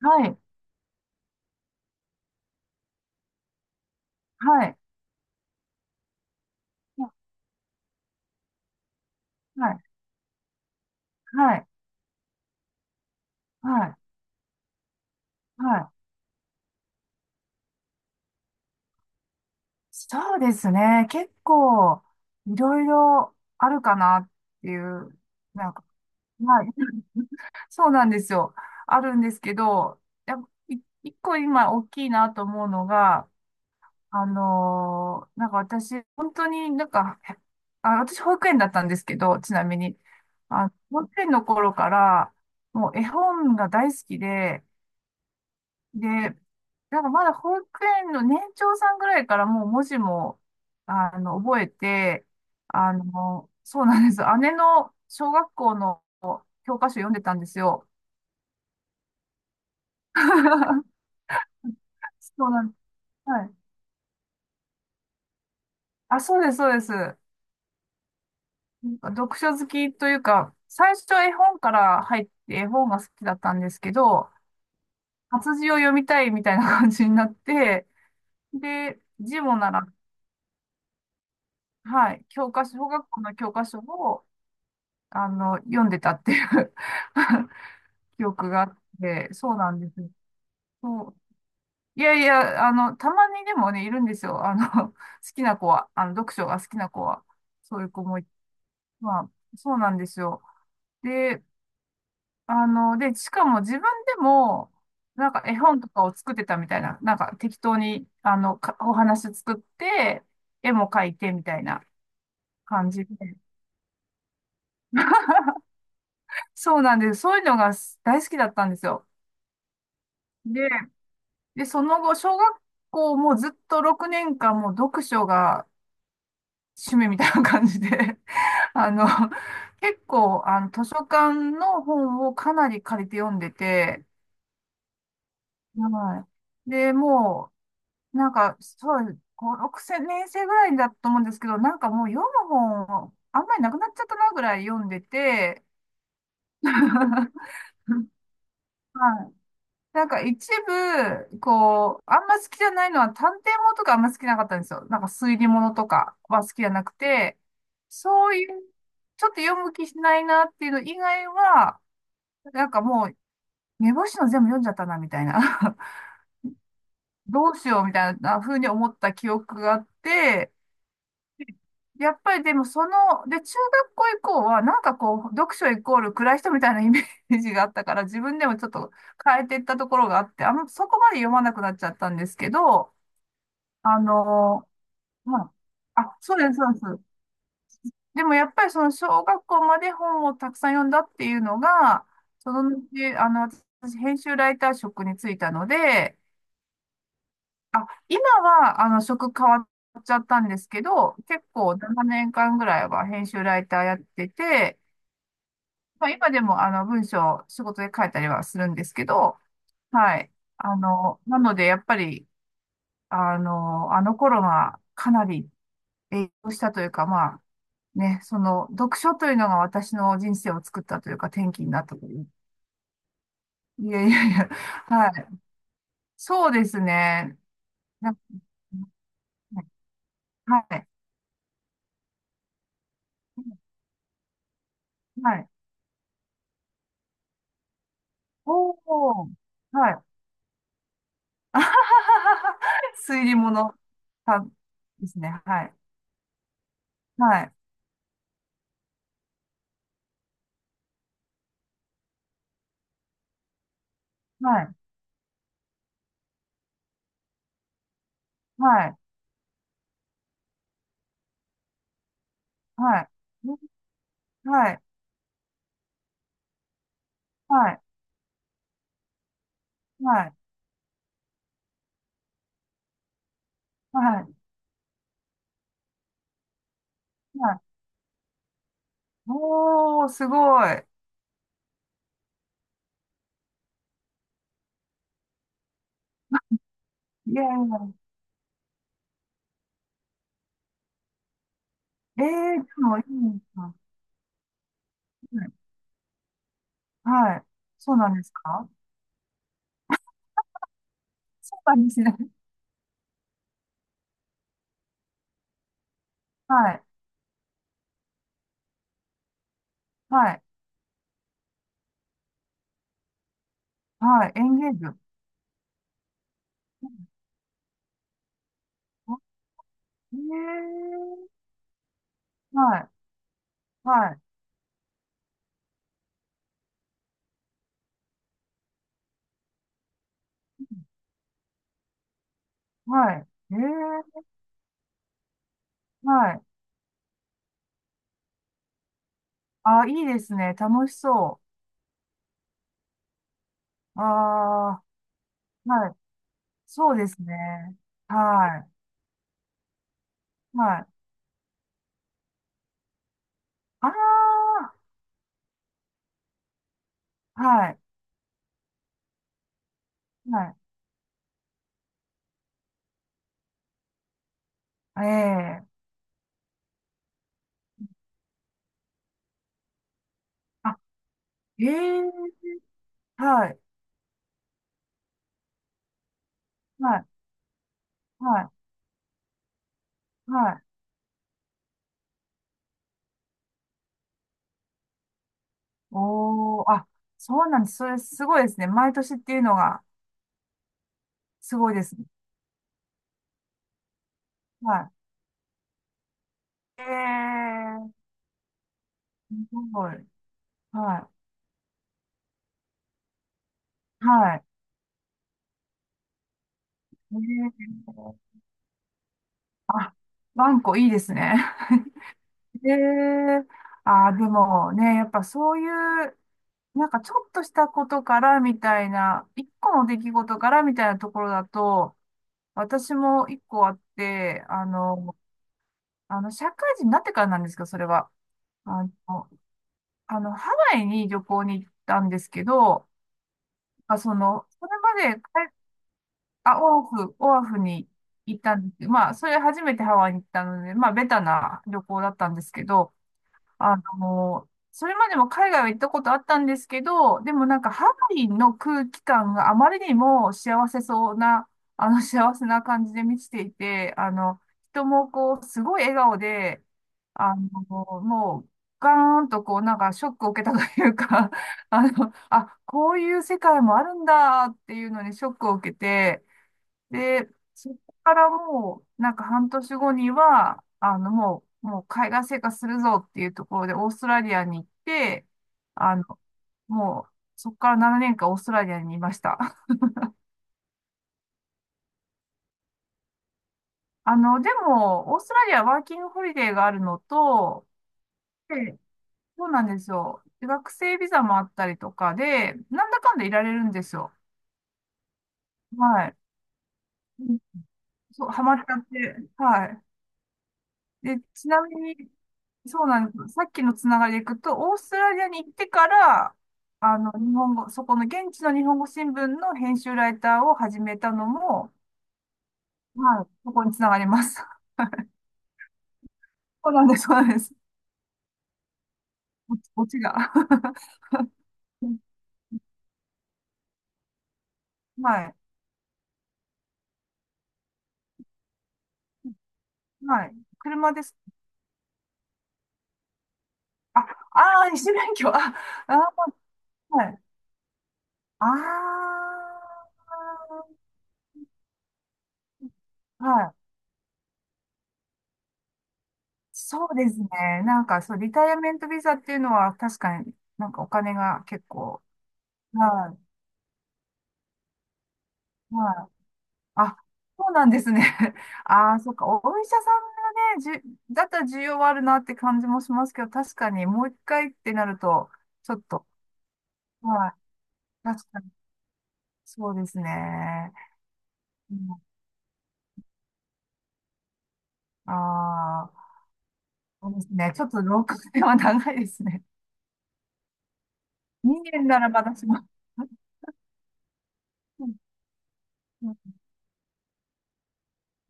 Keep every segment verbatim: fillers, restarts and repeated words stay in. はい、はい、はい、はい、はい、はい。そうですね。結構、いろいろあるかなっていう、なんか、はい、そうなんですよ。あるんですけど、やっぱい一個今大きいなと思うのが、あのーなんか私、本当になんか、あ、私保育園だったんですけど、ちなみに、あ、保育園の頃から、もう絵本が大好きで、で、なんかまだ保育園の年長さんぐらいからもう文字も、あの、覚えて、あの、そうなんです。姉の小学校の教科書読んでたんですよ。そうなんです。はい。あ、そうです、そうです。なんか読書好きというか、最初絵本から入って絵本が好きだったんですけど、活字を読みたいみたいな感じになって、で、字もなら、はい、教科書、小学校の教科書を、あの、読んでたっていう 記憶があって、そうなんです。そう。いやいや、あの、たまにでもね、いるんですよ。あの、好きな子は、あの、読書が好きな子は、そういう子もい、まあ、そうなんですよ。で、あの、で、しかも自分でも、なんか絵本とかを作ってたみたいな、なんか適当に、あの、かお話作って、絵も描いてみたいな感じで。そうなんです。そういうのが大好きだったんですよ。でで、その後、小学校もずっとろくねんかんもう読書が趣味みたいな感じで あの、結構、あの、図書館の本をかなり借りて読んでて、はい。で、もう、なんか、そう、ご、ろくねん生ぐらいだと思うんですけど、なんかもう読む本、あんまりなくなっちゃったなぐらい読んでて、はい。なんか一部、こう、あんま好きじゃないのは探偵物とかあんま好きなかったんですよ。なんか推理物とかは好きじゃなくて、そういう、ちょっと読む気しないなっていうの以外は、なんかもう、目星の全部読んじゃったな、みたいな。どうしよう、みたいな風に思った記憶があって、やっぱりでもその、で、中学校以降は、なんかこう、読書イコール暗い人みたいなイメージがあったから、自分でもちょっと変えていったところがあって、あんまそこまで読まなくなっちゃったんですけど、あの、まあ、あ、そうです、そうです。でもやっぱりその小学校まで本をたくさん読んだっていうのが、その後、あの、私、編集ライター職に就いたので、あ、今は、あの、職変わっちゃったんですけど、結構ななねんかんぐらいは編集ライターやってて、まあ、今でも、あの、文章、仕事で書いたりはするんですけど、はい。あの、なので、やっぱり、あの、あの頃がかなり影響したというか、まあ、ね、その、読書というのが私の人生を作ったというか、転機になったという。いやいやいや、はい。そうですね。なはい。はい。おお、はい。あはははは推理物さんですね。はい。はい。はい。はい。はい。はい。はい。はい。はい。はい。おー、すごい。いやいや。えー、でもいいな。はい。はい。そうなんですかそうなんですね。はい。はい。はい。エンゲージええはい。はい。はい。ええはい。あ、いいですね。楽しそう。ああ、はい。そうですね。はい。はい。ああ、はい。はい。ええあ、ええはい。はい。はい。はい。おーあ、そうなんです。それすごいですね。毎年っていうのがすごいですね。はい。ええすごい。はい。はい。ねえワンコいいですね。ええああ、でもね、やっぱそういう、なんかちょっとしたことからみたいな、一個の出来事からみたいなところだと、私も一個あって、あの、あの、社会人になってからなんですけど、それは。あの、あのハワイに旅行に行ったんですけど、まあ、その、それまで海あ、オアフ、オアフに行ったんですけど、まあ、それ初めてハワイに行ったので、まあ、ベタな旅行だったんですけど、あの、それまでも海外は行ったことあったんですけど、でもなんかハワイの空気感があまりにも幸せそうな、あの、幸せな感じで満ちていて、あの、人もこう、すごい笑顔で、あの、もう、ガーンとこう、なんかショックを受けたというか、あの、あ、こういう世界もあるんだっていうのにショックを受けて、で、そこからもう、なんか半年後には、あの、もう、もう海外生活するぞっていうところでオーストラリアに行って、あの、もう、そこからななねんかんオーストラリアにいました。あの、でも、オーストラリアはワーキングホリデーがあるのと、でそうなんですよ。で学生ビザもあったりとかで、なんだかんだいられるんですよ。はい。うんそう、ハマっちゃって、はい。で、ちなみに、そうなんです。さっきのつながりでいくと、オーストラリアに行ってから、あの、日本語、そこの現地の日本語新聞の編集ライターを始めたのも、はい、そこにつながります。そうなんです、そうなんです。オチが。はい、はい。車です。あ、あー、二種免許。あ、あー、はい。あー、はい。そうですね。なんか、そう、リタイアメントビザっていうのは、確かになんかお金が結構、はい、はい。あ、そうなんですね。ああ、そっか。お医者さんがね、じゅ、だったら需要はあるなって感じもしますけど、確かにもう一回ってなると、ちょっと、はい。確かに、そうですね。うん、ああ、そうですね。ちょっとろくねんは長いですね。にねんならまだします。うんうん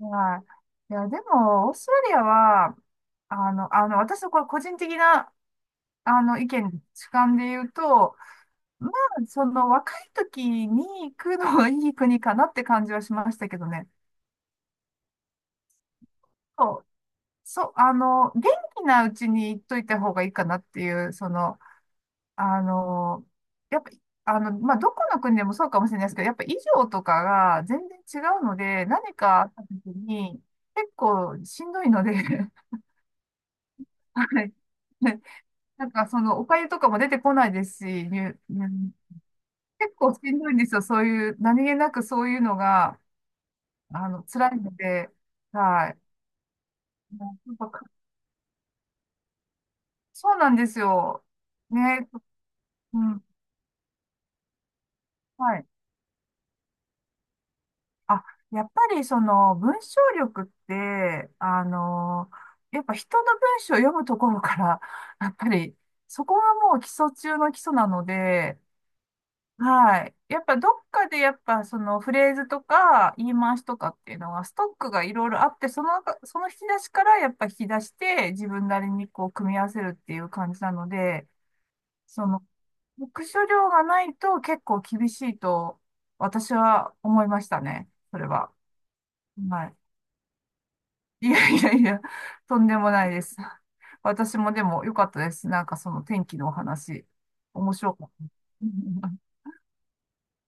はい。いや、でも、オーストラリアは、あの、あの、私のこれ個人的な、あの、意見、主観で言うと、まあ、その若い時に行くのはいい国かなって感じはしましたけどね。そう、そう、あの、元気なうちに行っといた方がいいかなっていう、その、あの、やっぱ、あの、まあ、どこの国でもそうかもしれないですけど、やっぱ衣装とかが全然違うので、何かあった時に結構しんどいので はい。なんかそのお粥とかも出てこないですし、うん結構しんどいんですよ。そういう、何気なくそういうのが、あの、辛いので、はい。もうやっぱかそうなんですよ。ね、うん、はい。あ、やっぱりその文章力って、あの、やっぱ人の文章を読むところから、やっぱりそこがもう基礎中の基礎なので、はい。やっぱどっかでやっぱそのフレーズとか言い回しとかっていうのはストックがいろいろあって、その、その引き出しからやっぱ引き出して自分なりにこう組み合わせるっていう感じなので、その、読書量がないと結構厳しいと私は思いましたね。それは。はい。いやいやいや、とんでもないです。私もでも良かったです。なんかその天気のお話、面白かった。